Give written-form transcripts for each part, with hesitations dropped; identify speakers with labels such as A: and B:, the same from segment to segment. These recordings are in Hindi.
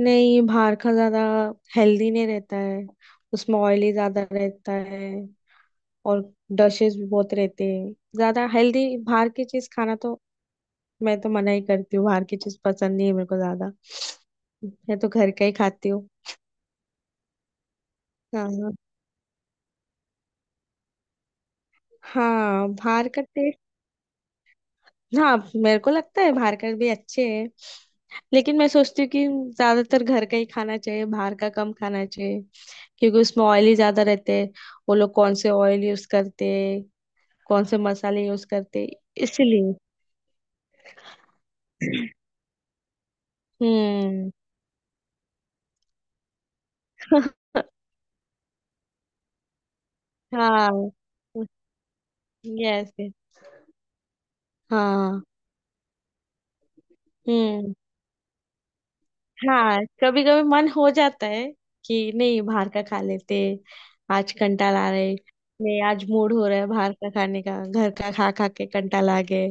A: नहीं, बाहर का ज्यादा हेल्दी नहीं रहता है। उसमें ऑयली ज्यादा रहता है। और डशेस भी बहुत रहते हैं, ज्यादा हेल्दी बाहर की चीज खाना तो। मैं तो मना ही करती हूँ, बाहर की चीज पसंद नहीं है मेरे को ज्यादा। मैं तो घर का ही खाती हूँ। हाँ। हाँ, बाहर का टेस्ट। हाँ, मेरे को लगता है बाहर का भी अच्छे है। लेकिन मैं सोचती हूँ कि ज्यादातर घर का ही खाना चाहिए, बाहर का कम खाना चाहिए। क्योंकि उसमें ऑयल ही ज्यादा रहते हैं। वो लोग कौन से ऑयल यूज करते हैं, कौन से मसाले यूज करते। इसलिए। हम्म हाँ। यस। हाँ। हम्म हाँ, कभी कभी मन हो जाता है कि नहीं, बाहर का खा लेते। आज कंटाल आ रहे। नहीं, आज मूड हो रहा है बाहर का खाने का, घर का खा खा के कंटाल आ गए।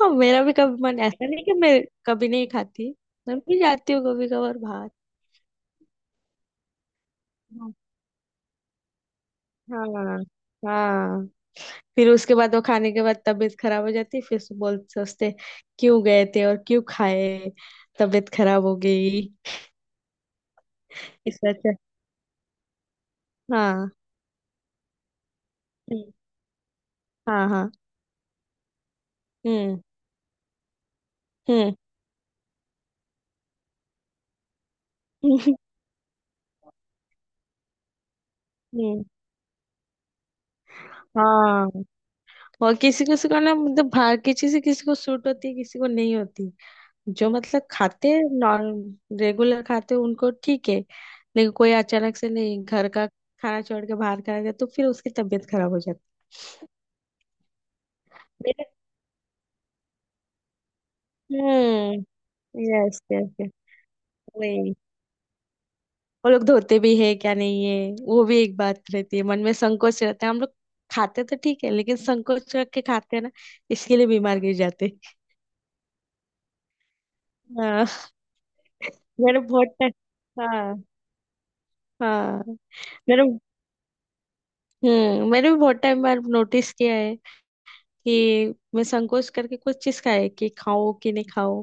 A: हाँ, मेरा भी कभी मन ऐसा नहीं कि मैं कभी नहीं खाती। मैं भी जाती हूँ कभी कभार बाहर। हाँ। हाँ। हाँ। फिर उसके बाद वो खाने के बाद तबीयत खराब हो जाती, फिर से बोल सोचते क्यों गए थे और क्यों खाए। तबीयत खराब हो गई। इससे अच्छा। हाँ। हम्म, हाँ। हाँ। हम्म हम्म हम्म हाँ। और किसी किसी को ना, मतलब बाहर की चीजें किसी को सूट होती है, किसी को नहीं होती। जो मतलब खाते हैं नॉर्म रेगुलर खाते हैं उनको ठीक है। लेकिन कोई अचानक से नहीं घर का खाना छोड़ के बाहर खाना जाए तो फिर उसकी तबीयत खराब हो जाती है। मेरे- हम्म यस, यस। वही। वो लोग धोते भी है क्या नहीं है, वो भी एक बात रहती है, मन में संकोच रहता है। हम लोग खाते तो ठीक है लेकिन संकोच रख के खाते हैं ना। इसके लिए बीमार गिर जाते हैं। हाँ। मेरे बहुत टाइम हाँ। हाँ। मेरे मैंने भी बहुत टाइम बार नोटिस किया है कि मैं संकोच करके कुछ चीज खाए कि खाओ कि नहीं खाओ,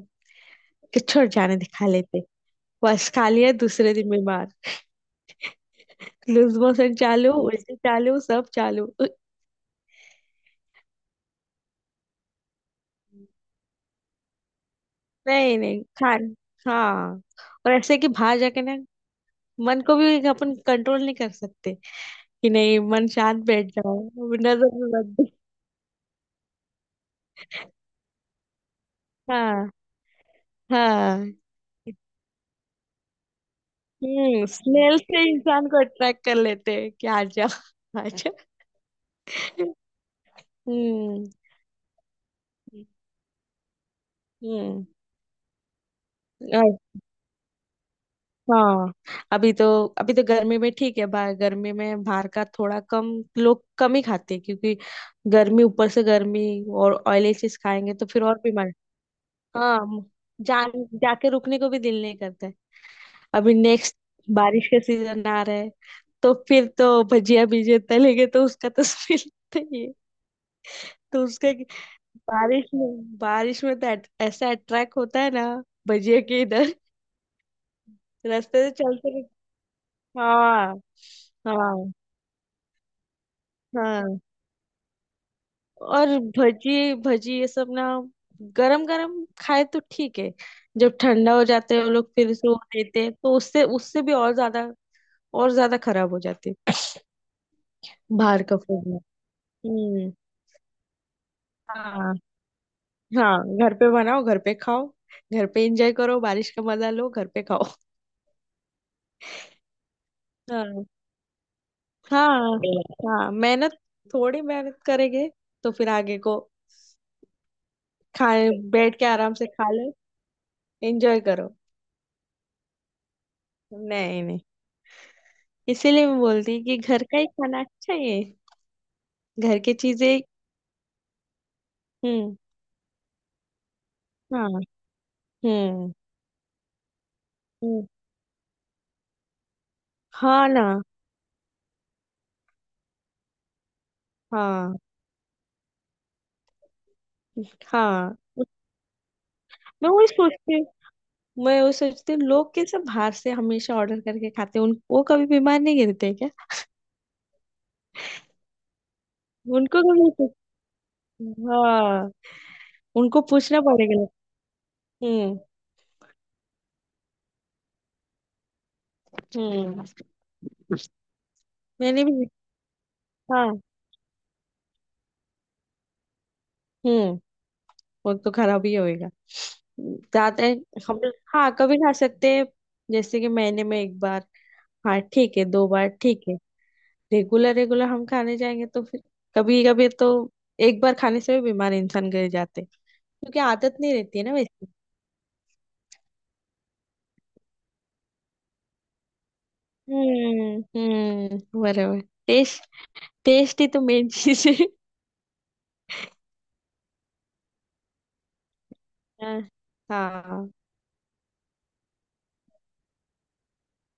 A: कि छोड़ जाने दे खा लेते। बस खा लिया, दूसरे दिन बीमार। लूज मोशन चालू, उल्टी चालू, सब चालू। नहीं नहीं खान हाँ। और ऐसे कि बाहर जाके ना, मन को भी अपन कंट्रोल नहीं कर सकते कि नहीं मन शांत बैठ जाओ। नजर में मत दे। हाँ। हाँ। स्मेल से इंसान को अट्रैक्ट कर लेते हैं कि आ जा, आ जा। हम्म हम्म और- हाँ। अभी तो अभी तो गर्मी में ठीक है, बाहर गर्मी में बाहर का थोड़ा कम लोग कम ही खाते हैं। क्योंकि गर्मी, ऊपर से गर्मी और ऑयली चीज खाएंगे तो फिर और बीमार। हाँ। जान, जाके रुकने को भी दिल नहीं करता है। अभी नेक्स्ट बारिश का सीजन आ रहा है, तो फिर तो भजिया भीजे तलेंगे तो उसका तो स्मेल। तो ये, तो उसका कि- बारिश में तो ऐसा अट्रैक्ट होता है ना भजिया के इधर। रास्ते से चलते हुए- हाँ। हाँ। हाँ। और भजी, भजी ये सब ना गरम गरम खाए तो ठीक है। जब ठंडा हो जाते हैं वो लोग फिर से वो देते हैं तो उससे उससे भी और ज्यादा खराब हो जाती। बाहर का फूड में। हम्म हाँ। हाँ, घर पे बनाओ, घर पे खाओ। घर पे एंजॉय करो, बारिश का मजा लो, घर पे खाओ। हाँ। हाँ। हाँ मेहनत, थोड़ी मेहनत करेंगे तो फिर आगे को खाए, बैठ के आराम से खा लो, एंजॉय करो। नहीं, नहीं, इसीलिए मैं बोलती हूँ कि घर का ही खाना अच्छा ही है। घर की चीजें। हम्म हाँ। हम्म हम्म, हाँ ना। हाँ। हाँ। मैं वही सोचती हूँ, मैं वो सोचती हूँ लोग कैसे बाहर से हमेशा ऑर्डर करके खाते हैं, उन वो कभी बीमार नहीं गिरते क्या। उनको कभी पूछ- हाँ, उनको पूछना पड़ेगा। हम्म हम्म मैंने भी। हाँ। हम्म वो तो खराब ही होएगा ज्यादा। हम। हाँ, कभी खा सकते हैं, जैसे कि महीने में एक बार। हाँ ठीक है, दो बार ठीक है। रेगुलर रेगुलर हम खाने जाएंगे तो फिर कभी कभी तो एक बार खाने से भी बीमार इंसान गिर जाते हैं, क्योंकि आदत नहीं रहती है ना वैसे। बरोबर। टेस्ट, टेस्ट ही तो मेन चीज आहे। हा। हाँ।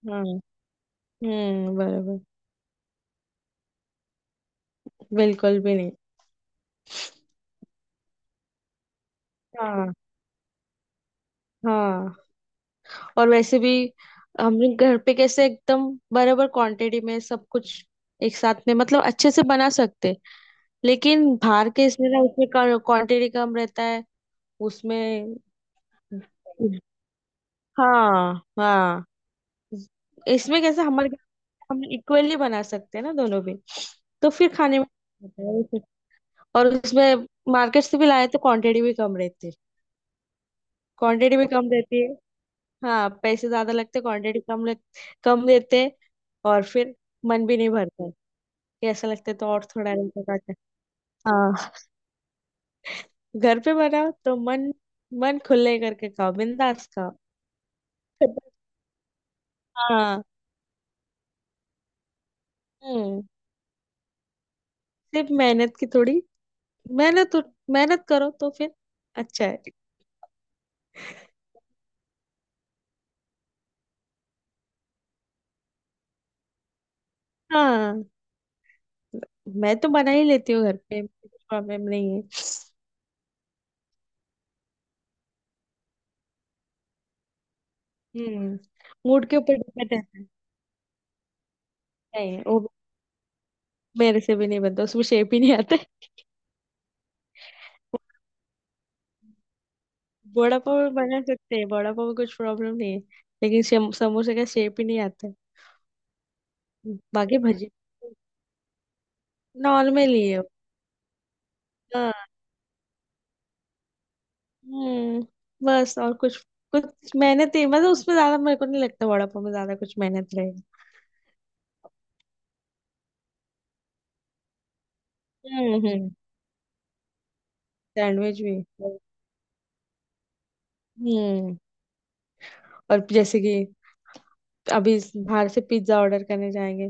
A: हम्म बरोबर। बिल्कुल भी नहीं। हाँ। हाँ। और वैसे भी हम लोग घर पे कैसे एकदम बराबर क्वांटिटी में सब कुछ एक साथ में, मतलब अच्छे से बना सकते। लेकिन बाहर के इसमें ना उसमें क्वांटिटी कम रहता है उसमें। हाँ। हाँ। इसमें कैसे हमारे घर में हम इक्वली बना सकते हैं ना दोनों भी। तो फिर खाने में होता है उसे। और उसमें मार्केट से भी लाए तो क्वांटिटी भी कम रहती है। क्वांटिटी भी कम रहती है। हाँ, पैसे ज्यादा लगते, क्वांटिटी कम लग, कम देते हैं। और फिर मन भी नहीं भरता है, कि ऐसा लगता है तो और थोड़ा रहता जाता। हाँ, घर पे बनाओ तो मन, मन खुले करके खाओ, बिंदास खाओ। हाँ। हम्म सिर्फ मेहनत की थोड़ी मेहनत, मेहनत करो तो फिर अच्छा है। हाँ, मैं तो बना ही लेती हूँ घर पे, प्रॉब्लम नहीं है। हम्म मूड के ऊपर डिपेंड रहता है। नहीं, वो मेरे से भी नहीं बनता, उसमें शेप ही नहीं आता है। वड़ा पाव भी बना सकते हैं, वड़ा पाव में कुछ प्रॉब्लम नहीं है। लेकिन समोसे का शेप ही नहीं आता है। बाकी भजी नॉर्मल ही है। हाँ। हम्म बस और कुछ, कुछ मेहनत ही, मतलब उसमें ज्यादा मेरे को नहीं लगता वड़ा पाव में ज्यादा कुछ मेहनत रहेगी। हम्म हम्म सैंडविच भी। हम्म और जैसे कि अभी बाहर से पिज्जा ऑर्डर करने जाएंगे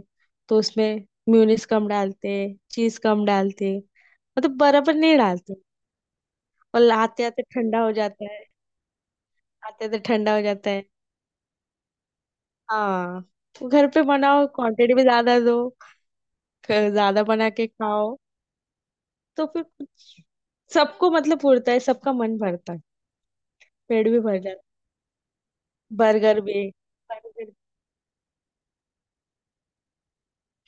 A: तो उसमें म्यूनिस कम डालते, चीज कम डालते, मतलब बराबर नहीं डालते। और आते आते ठंडा हो जाता है। आते आते ठंडा हो जाता है। हाँ। तो घर पे बनाओ, क्वांटिटी भी ज्यादा दो, ज्यादा बना के खाओ तो फिर सबको, मतलब पूरता है, सबका मन भरता है, पेट भी भर जाता है। बर्गर भी, बर्गर।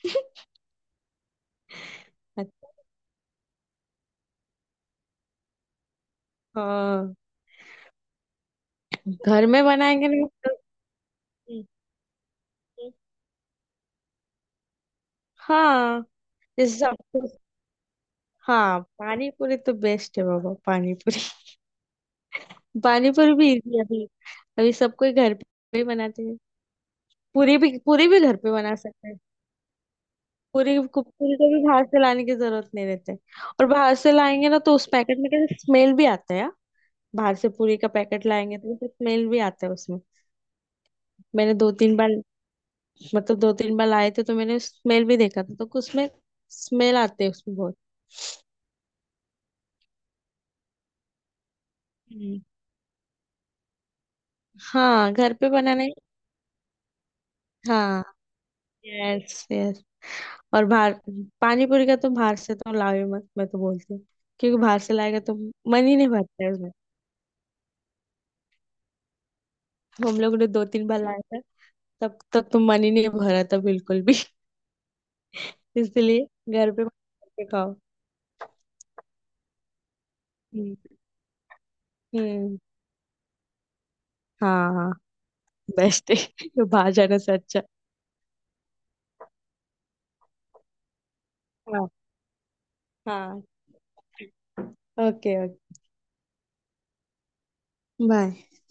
A: अच्छा। हाँ, घर में बनाएंगे ना तो। हाँ। जैसे सब, हाँ पानी पूरी तो बेस्ट है बाबा, पानी पूरी। पानी पूरी भी इजी है। अभी अभी सब कोई घर पे ही बनाते हैं। पूरी भी घर पे बना सकते हैं। पूरी को भी बाहर से लाने की जरूरत नहीं रहती। और बाहर से लाएंगे ना तो उस पैकेट में कैसे स्मेल भी आता है यार। बाहर से पूरी का पैकेट लाएंगे तो कैसे स्मेल भी आता है उसमें। मैंने दो तीन बार, मतलब दो तीन बार लाए थे तो मैंने स्मेल भी देखा था, तो उसमें स्मेल आते है उसमें बहुत। हम्म। हाँ, घर पे बनाने। हाँ। यस। और बाहर, पानी पूरी का तो बाहर से तो लाओ ही मत मैं तो बोलती हूँ। क्योंकि बाहर से लाएगा तो मन ही नहीं भरता है उसमें। हम लोग ने दो तीन बार लाया था, तब तक तो मन ही नहीं भरा था बिल्कुल भी। इसलिए घर पे बना के खाओ। हम्म हम्म, हाँ। हाँ, बेस्ट है बाहर जाने से अच्छा। हाँ। हाँ, ओके, ओके। बाय।